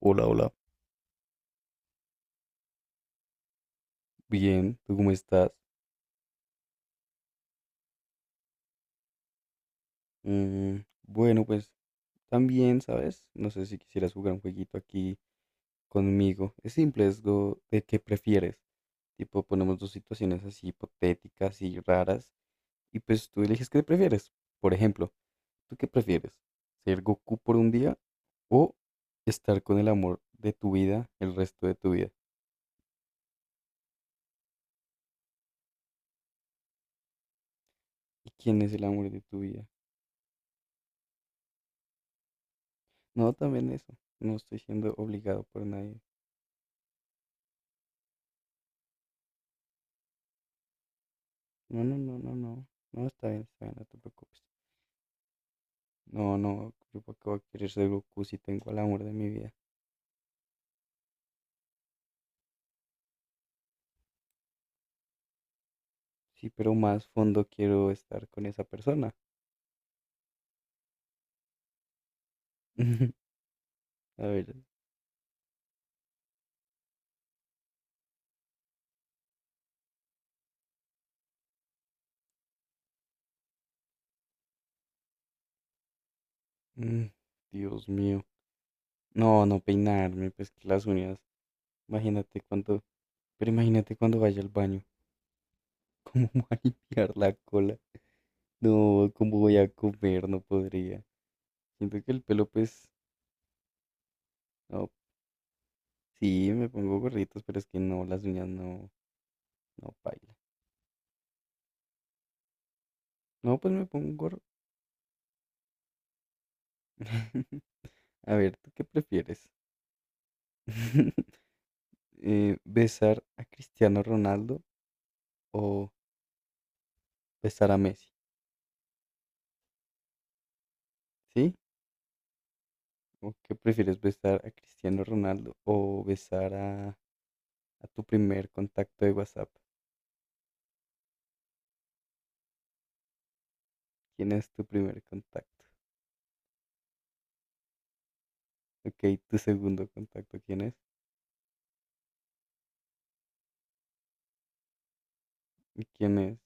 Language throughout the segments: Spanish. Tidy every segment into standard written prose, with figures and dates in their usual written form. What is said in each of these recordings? Hola, hola. Bien, ¿tú cómo estás? Mm, bueno, pues también, ¿sabes? No sé si quisieras jugar un jueguito aquí conmigo. Es simple, es lo de qué prefieres. Tipo, ponemos dos situaciones así hipotéticas y raras y pues tú eliges qué prefieres. Por ejemplo, ¿tú qué prefieres? ¿Ser Goku por un día o estar con el amor de tu vida el resto de tu vida? ¿Y quién es el amor de tu vida? No, también eso. No estoy siendo obligado por nadie. No, no, no, no, no. No, está bien, no te preocupes. No, no, yo para qué voy a querer ser Goku si tengo al amor de mi vida. Sí, pero más fondo quiero estar con esa persona. A ver. mm, Dios mío. No, no peinarme, pues que las uñas. Imagínate cuando, pero imagínate cuando vaya al baño. ¿Cómo voy a limpiar la cola? No, ¿cómo voy a comer? No podría. Siento que el pelo, pues, no, sí, me pongo gorritos, pero es que no, las uñas no, no baila. No, pues me pongo. A ver, ¿tú qué prefieres? ¿Besar a Cristiano Ronaldo o besar a Messi? ¿Sí? ¿O qué prefieres, besar a Cristiano Ronaldo o besar a tu primer contacto de WhatsApp? ¿Quién es tu primer contacto? Ok, tu segundo contacto, ¿quién es? ¿Y quién es?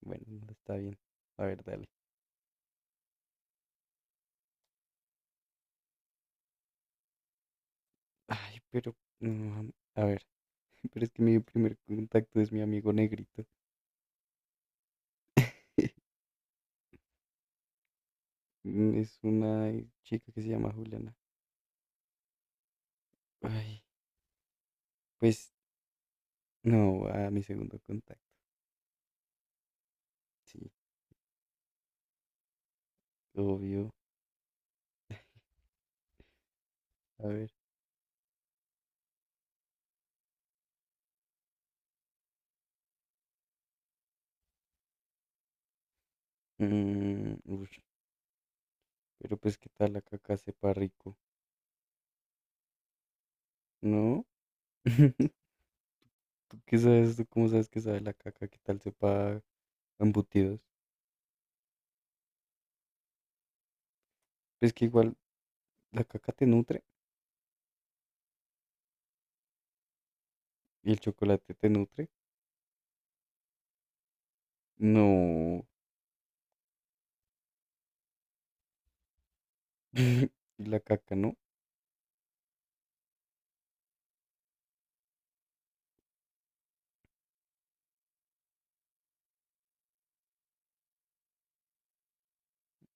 Bueno, no está bien. A ver, dale. Ay, pero, a ver, pero es que mi primer contacto es mi amigo negrito. Es una chica que se llama Juliana. Ay, pues no, a mi segundo contacto, sí, obvio. A ver. Ush, pero pues qué tal la caca sepa rico, ¿no? ¿Tú qué sabes? ¿Tú cómo sabes que sabe la caca? ¿Qué tal sepa a embutidos? Pues que igual la caca te nutre y el chocolate te nutre. No. Y la caca, ¿no?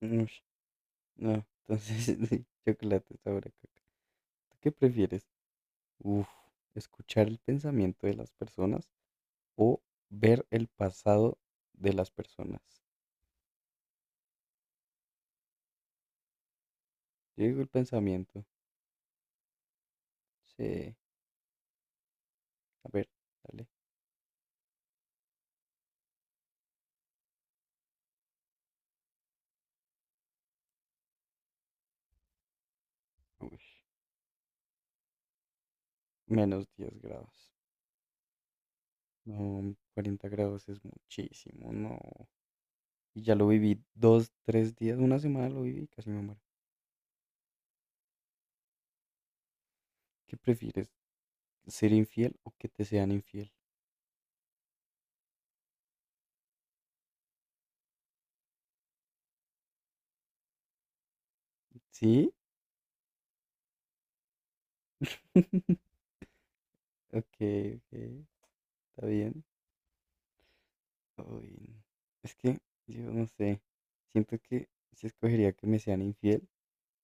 Ush, no, entonces sí, chocolate sabe a caca. ¿Tú qué prefieres? Uf, escuchar el pensamiento de las personas o ver el pasado de las personas. Yo digo el pensamiento. Sí, a ver, dale. Uy, -10 grados. No, 40 grados es muchísimo, no. Y ya lo viví dos, 3 días, una semana lo viví, casi me muero. ¿Qué prefieres? ¿Ser infiel o que te sean infiel? ¿Sí? Ok, ok, está bien. Uy, es que yo no sé. Siento que si escogería que me sean infiel.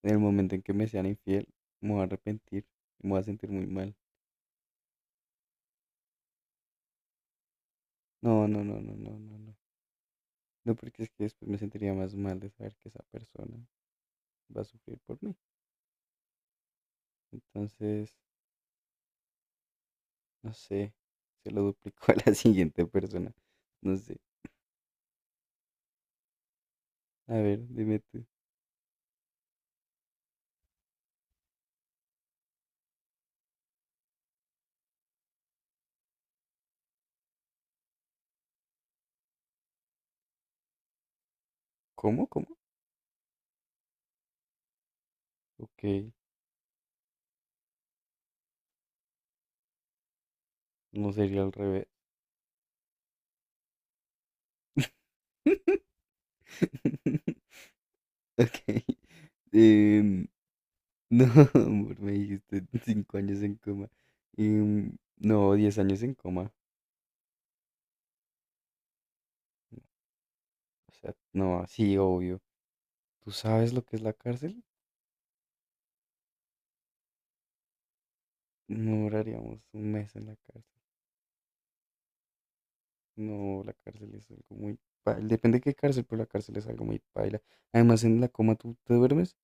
En el momento en que me sean infiel, me voy a arrepentir, me voy a sentir muy mal. No, no, no, no, no, no, no. No, porque es que después me sentiría más mal de saber que esa persona va a sufrir por mí. Entonces, no sé, se lo duplico a la siguiente persona. No sé. A ver, dime tú. ¿Cómo? ¿Cómo? Ok, no sería al revés. Ok. Em, no, amor, me dijiste 5 años en coma. No, 10 años en coma. O sea, no, sí, obvio. ¿Tú sabes lo que es la cárcel? No duraríamos un mes en la cárcel. No, la cárcel es algo muy paila. Depende de qué cárcel, pero la cárcel es algo muy paila. Además, en la coma tú te duermes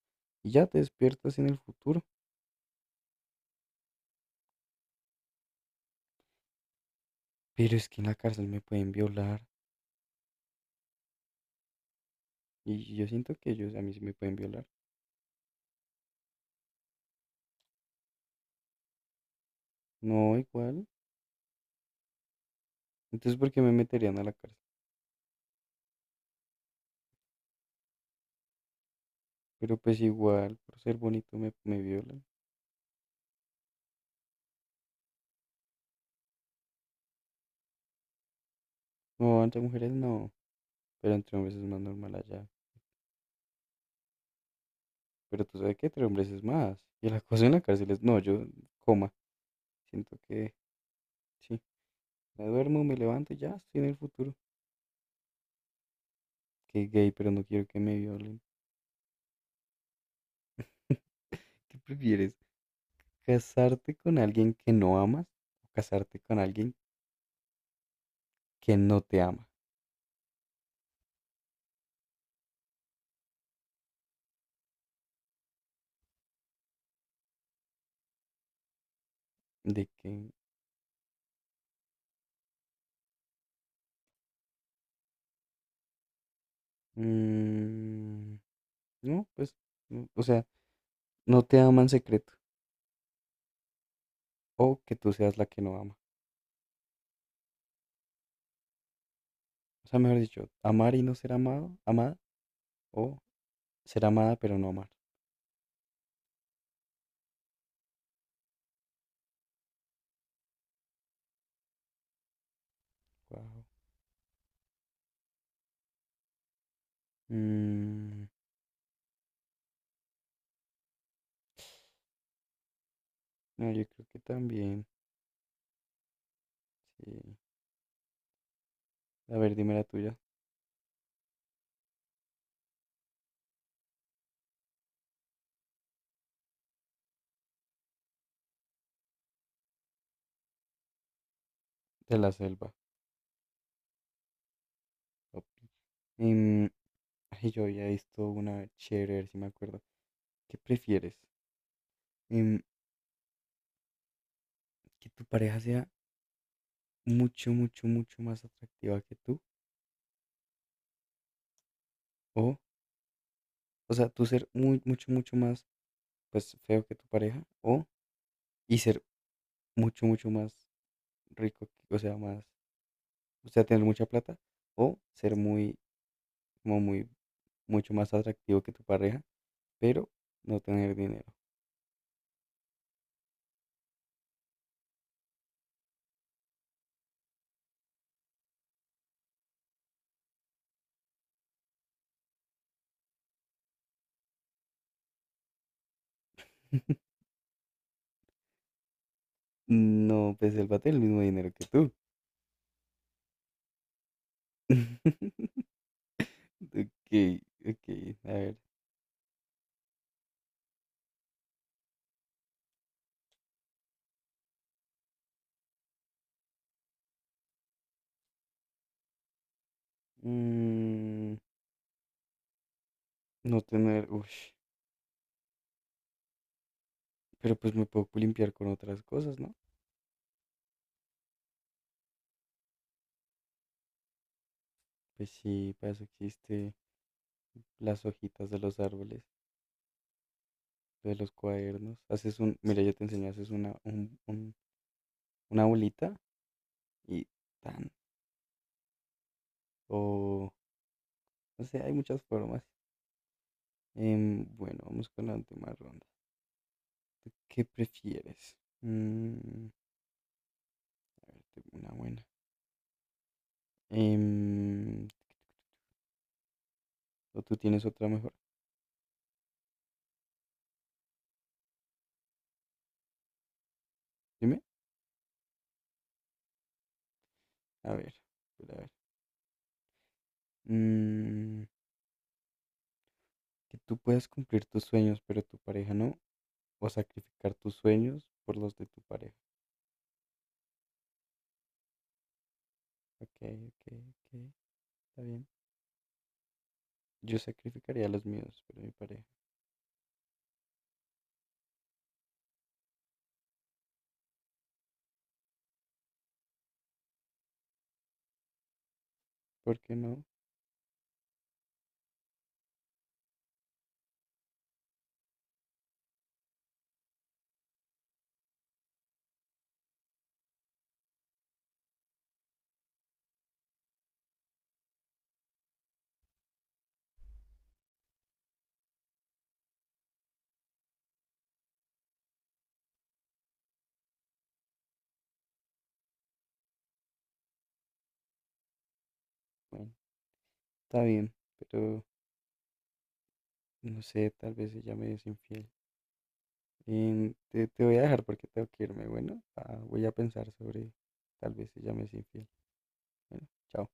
y ya te despiertas en el futuro. Pero es que en la cárcel me pueden violar. Y yo siento que ellos a mí sí me pueden violar. No, igual. Entonces, ¿por qué me meterían a la cárcel? Pero pues igual, por ser bonito me violan. No, entre mujeres no. Pero entre hombres es más normal allá. Pero tú sabes que entre hombres es más. Y el acoso en la cárcel es, no, yo, coma. Siento que, sí, me duermo, me levanto y ya estoy en el futuro. Que gay, pero no quiero que me violen. ¿Qué prefieres? ¿Casarte con alguien que no amas o casarte con alguien que no te ama? De que, mm, no, pues, no, o sea, no te ama en secreto. O que tú seas la que no ama. O sea, mejor dicho, amar y no ser amado, amada, o ser amada pero no amar. Wow. Mm. No, yo creo que también. Sí. A ver, dime la tuya. De la selva. Papi. Em, Ay, yo había visto una chévere, a ver si me acuerdo. ¿Qué prefieres? Em, ¿Que tu pareja sea mucho, mucho, mucho más atractiva que tú? O, o sea, tú ser muy, mucho, mucho más, pues, feo que tu pareja. O, y ser mucho, mucho más rico, o sea, más, o sea, tener mucha plata. O ser muy, como muy, mucho más atractivo que tu pareja, pero no tener dinero. No, pues él bate el mismo dinero que tú. Ok, ok, a ver. Mm, no tener, uff, pero pues me puedo limpiar con otras cosas, ¿no? Pues sí, para eso existe las hojitas de los árboles, de los cuadernos. Haces un, mira, yo te enseñé, haces una, una bolita y tan. O, no sé, hay muchas formas. Bueno, vamos con la última ronda. ¿Tú ¿Qué prefieres? A ver, tengo una buena. Em, ¿O tú tienes otra mejor? Dime. A ver, a ver. Mm, que tú puedas cumplir tus sueños, pero tu pareja no. O sacrificar tus sueños por los de tu pareja. Ok, ok, ok. Está bien. Yo sacrificaría los míos por mi pareja. ¿Por qué no? Bueno, está bien. Pero no sé, tal vez ella me es infiel. Te voy a dejar porque tengo que irme. Bueno, ah, voy a pensar sobre tal vez ella me es infiel. Bueno, chao.